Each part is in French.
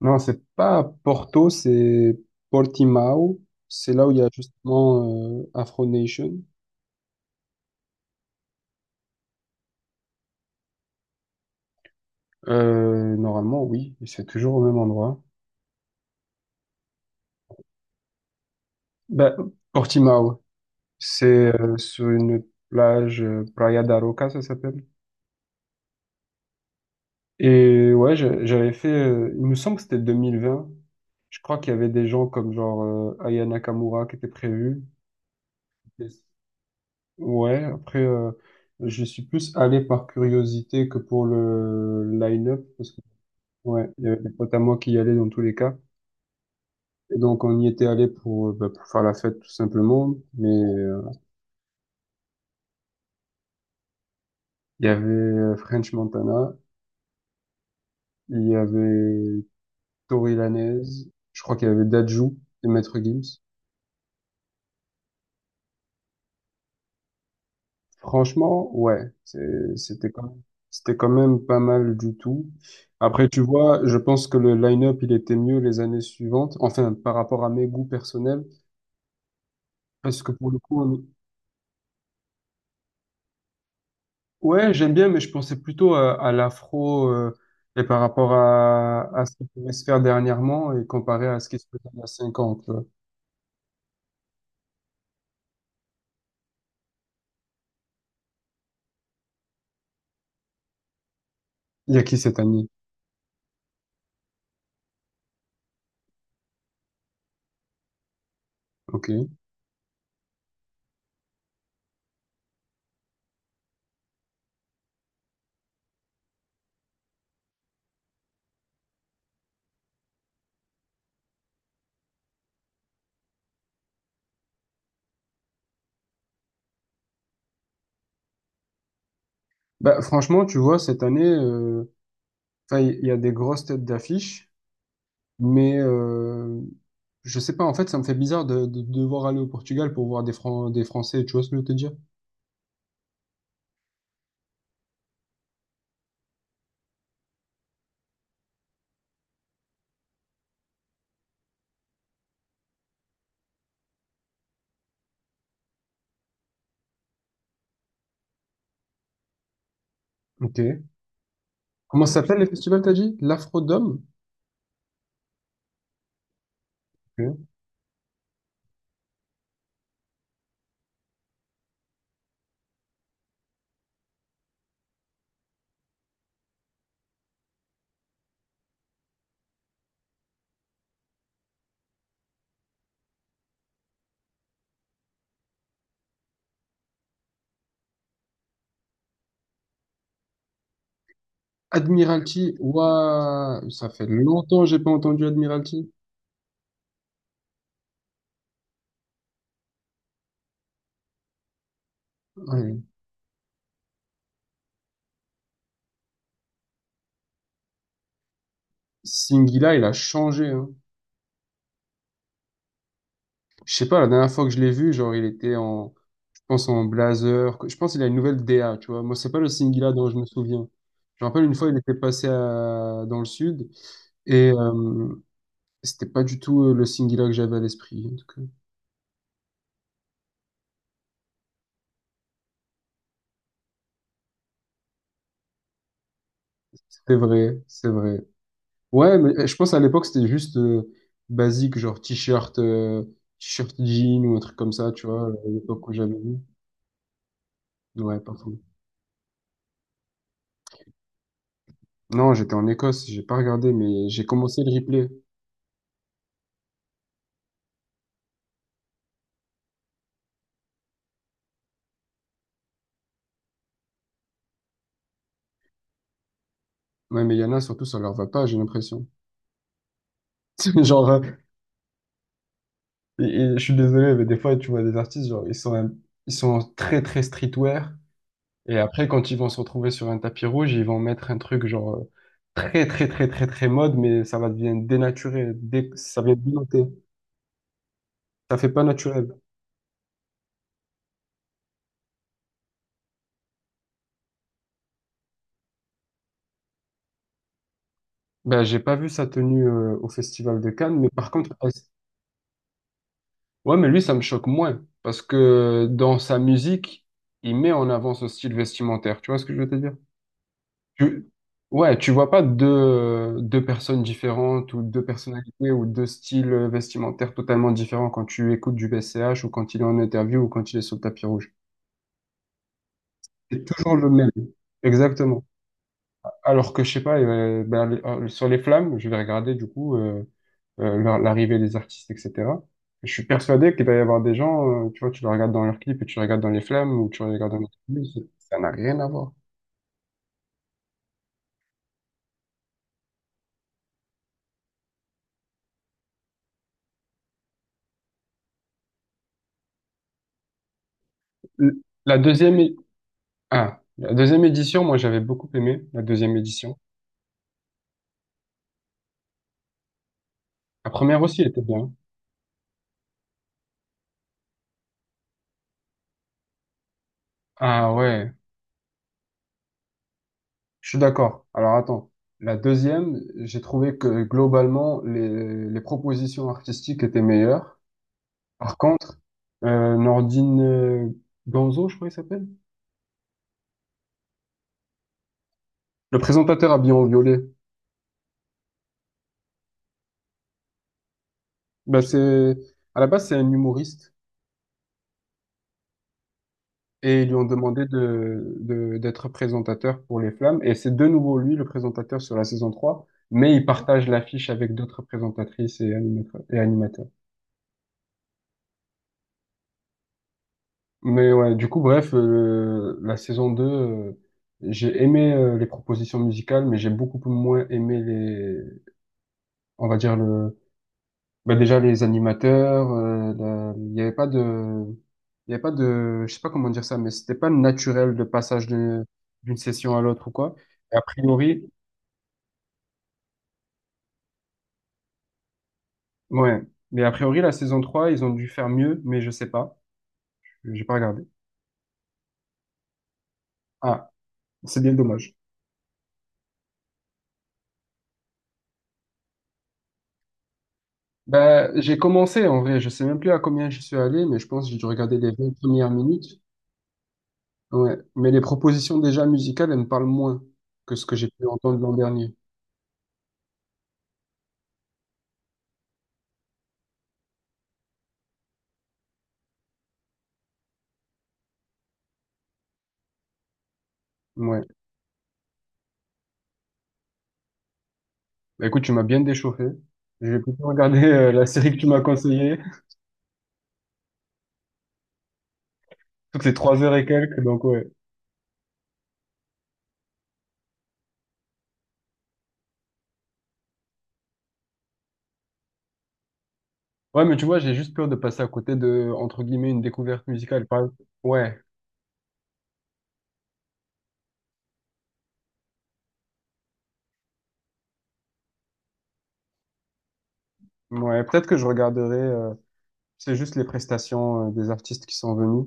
Non, c'est pas Porto, c'est Portimao. C'est là où il y a justement Afro Nation. Normalement, oui, mais c'est toujours au même endroit. Ben, Portimao, c'est sur une plage, Praia da Roca, ça s'appelle. Et ouais, j'avais fait, il me semble que c'était 2020. Je crois qu'il y avait des gens comme genre Aya Nakamura qui était prévu. Et- Ouais, après, je suis plus allé par curiosité que pour le line-up. Parce Ouais, il y avait des potes à moi qui y allaient dans tous les cas. Et donc, on y était allé pour, bah, pour faire la fête, tout simplement. Mais il y avait French Montana, il y avait Tory Lanez, je crois qu'il y avait Dadju et Maître Gims. Franchement, ouais, c'était quand même pas mal du tout. Après, tu vois, je pense que le line-up, il était mieux les années suivantes. Enfin, par rapport à mes goûts personnels. Parce que pour le coup. Ouais, j'aime bien, mais je pensais plutôt à, l'afro et par rapport à, ce qui pouvait se faire dernièrement et comparé à ce qui se faisait il y a 5 ans, tu vois. Il y a qui cette année? Ok. Bah, franchement, tu vois, cette année, enfin, il y a des grosses têtes d'affiche. Mais je sais pas, en fait, ça me fait bizarre de, devoir aller au Portugal pour voir des des Français, tu vois ce que je veux te dire? Ok. Comment ça s'appelle le festival, t'as dit? L'Afrodome? Ok. Admiralty, ouah, ça fait longtemps que j'ai pas entendu Admiralty. Ouais. Singila, il a changé, hein. Je sais pas, la dernière fois que je l'ai vu, genre, il était en, je pense, en blazer. Je pense qu'il a une nouvelle DA, tu vois. Moi, c'est pas le Singila dont je me souviens. Je me rappelle une fois, il était passé dans le sud et c'était pas du tout le Singila que j'avais à l'esprit. En tout cas, c'était vrai, c'est vrai. Ouais, mais eh, je pense à l'époque, c'était juste basique, genre t-shirt, t-shirt jean ou un truc comme ça, tu vois, à l'époque où j'avais vu. Ouais, partout. Non, j'étais en Écosse, j'ai pas regardé, mais j'ai commencé le replay. Ouais, mais il y en a surtout, ça leur va pas, j'ai l'impression. Genre, et- et je suis désolé, mais des fois, tu vois des artistes, genre, ils sont très, très streetwear. Et après, quand ils vont se retrouver sur un tapis rouge, ils vont mettre un truc, genre, très, très, très, très, très mode, mais ça va devenir dénaturé. Ça vient dénoté. Ça fait pas naturel. Ben, j'ai pas vu sa tenue, au Festival de Cannes, mais par contre, ouais, mais lui, ça me choque moins. Parce que dans sa musique, il met en avant ce style vestimentaire. Tu vois ce que je veux te dire? Tu... Ouais, tu vois pas deux personnes différentes ou deux personnalités ou deux styles vestimentaires totalement différents quand tu écoutes du BCH ou quand il est en interview ou quand il est sur le tapis rouge. C'est toujours le même. Exactement. Alors que je sais pas, ben, sur les flammes, je vais regarder du coup l'arrivée des artistes, etc. Je suis persuadé qu'il va y avoir des gens, tu vois, tu les regardes dans leurs clips et tu les regardes dans les flammes ou tu les regardes dans les interviews, ça n'a rien à voir. L- La deuxième. Ah, la deuxième édition, moi j'avais beaucoup aimé la deuxième édition. La première aussi elle était bien. Ah ouais, je suis d'accord. Alors attends, la deuxième, j'ai trouvé que globalement les, propositions artistiques étaient meilleures. Par contre, Nordine Ganzo, je crois qu'il s'appelle, le présentateur habillé en violet, bah c'est à la base c'est un humoriste. Et ils lui ont demandé d'être présentateur pour les Flammes. Et c'est de nouveau lui, le présentateur sur la saison 3 mais il partage l'affiche avec d'autres présentatrices et animateurs. Mais ouais, du coup, bref, la saison 2 j'ai aimé les propositions musicales, mais j'ai beaucoup moins aimé les, on va dire le, bah déjà les animateurs, il y avait pas de, je sais pas comment dire ça, mais c'était pas naturel le passage d'une session à l'autre ou quoi. Et a priori. Ouais. Mais a priori, la saison 3 ils ont dû faire mieux, mais je sais pas. J'ai pas regardé. Ah, c'est bien dommage. Bah, j'ai commencé en vrai, je sais même plus à combien je suis allé, mais je pense que j'ai dû regarder les 20 premières minutes. Ouais. Mais les propositions déjà musicales, elles me parlent moins que ce que j'ai pu entendre l'an dernier. Ouais. Bah, écoute, tu m'as bien déchauffé. Je vais plutôt regarder la série que tu m'as conseillée, toutes les 3 heures et quelques, donc ouais. Ouais, mais tu vois, j'ai juste peur de passer à côté de, entre guillemets, une découverte musicale. Par exemple. Ouais, ouais, peut-être que je regarderai c'est juste les prestations des artistes qui sont venus.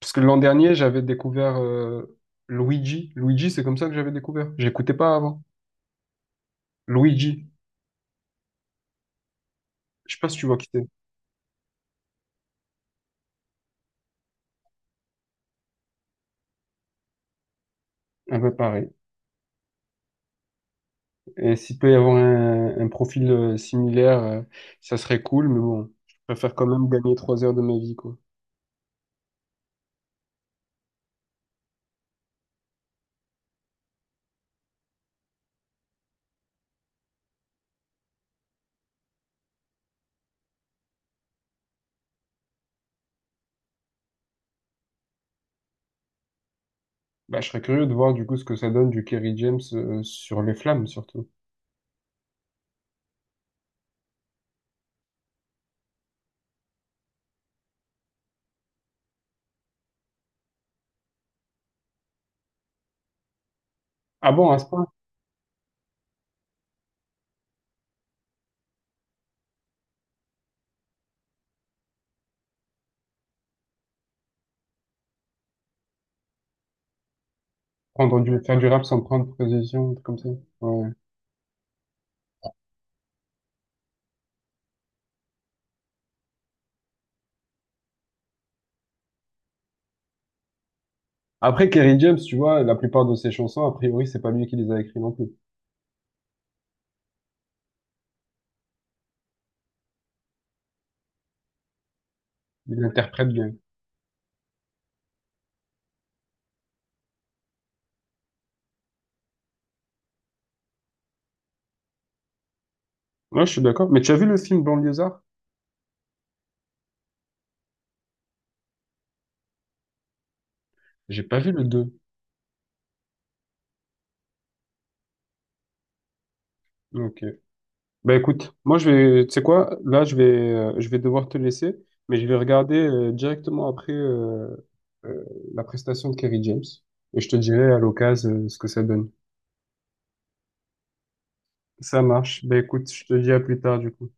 Parce que l'an dernier, j'avais découvert Luigi. Luigi, c'est comme ça que j'avais découvert. J'écoutais pas avant. Luigi. Je sais pas si tu vois qui c'est. Un peu pareil. Et s'il peut y avoir un, profil similaire, ça serait cool, mais bon, je préfère quand même gagner 3 heures de ma vie, quoi. Bah, je serais curieux de voir du coup ce que ça donne du Kerry James sur les flammes, surtout. Ah bon, à ce point? Faire du rap sans prendre position, un truc comme ça. Ouais. Après, Kerry James, tu vois, la plupart de ses chansons, a priori, c'est pas lui qui les a écrites non plus. Il interprète bien. Ouais, je suis d'accord. Mais tu as vu le film Banlieusard? J'ai pas vu le deux. Ok. Bah écoute, moi je vais, tu sais quoi, là je vais devoir te laisser, mais je vais regarder directement après euh, la prestation de Kerry James et je te dirai à l'occasion ce que ça donne. Ça marche. Bah écoute, je te dis à plus tard du coup.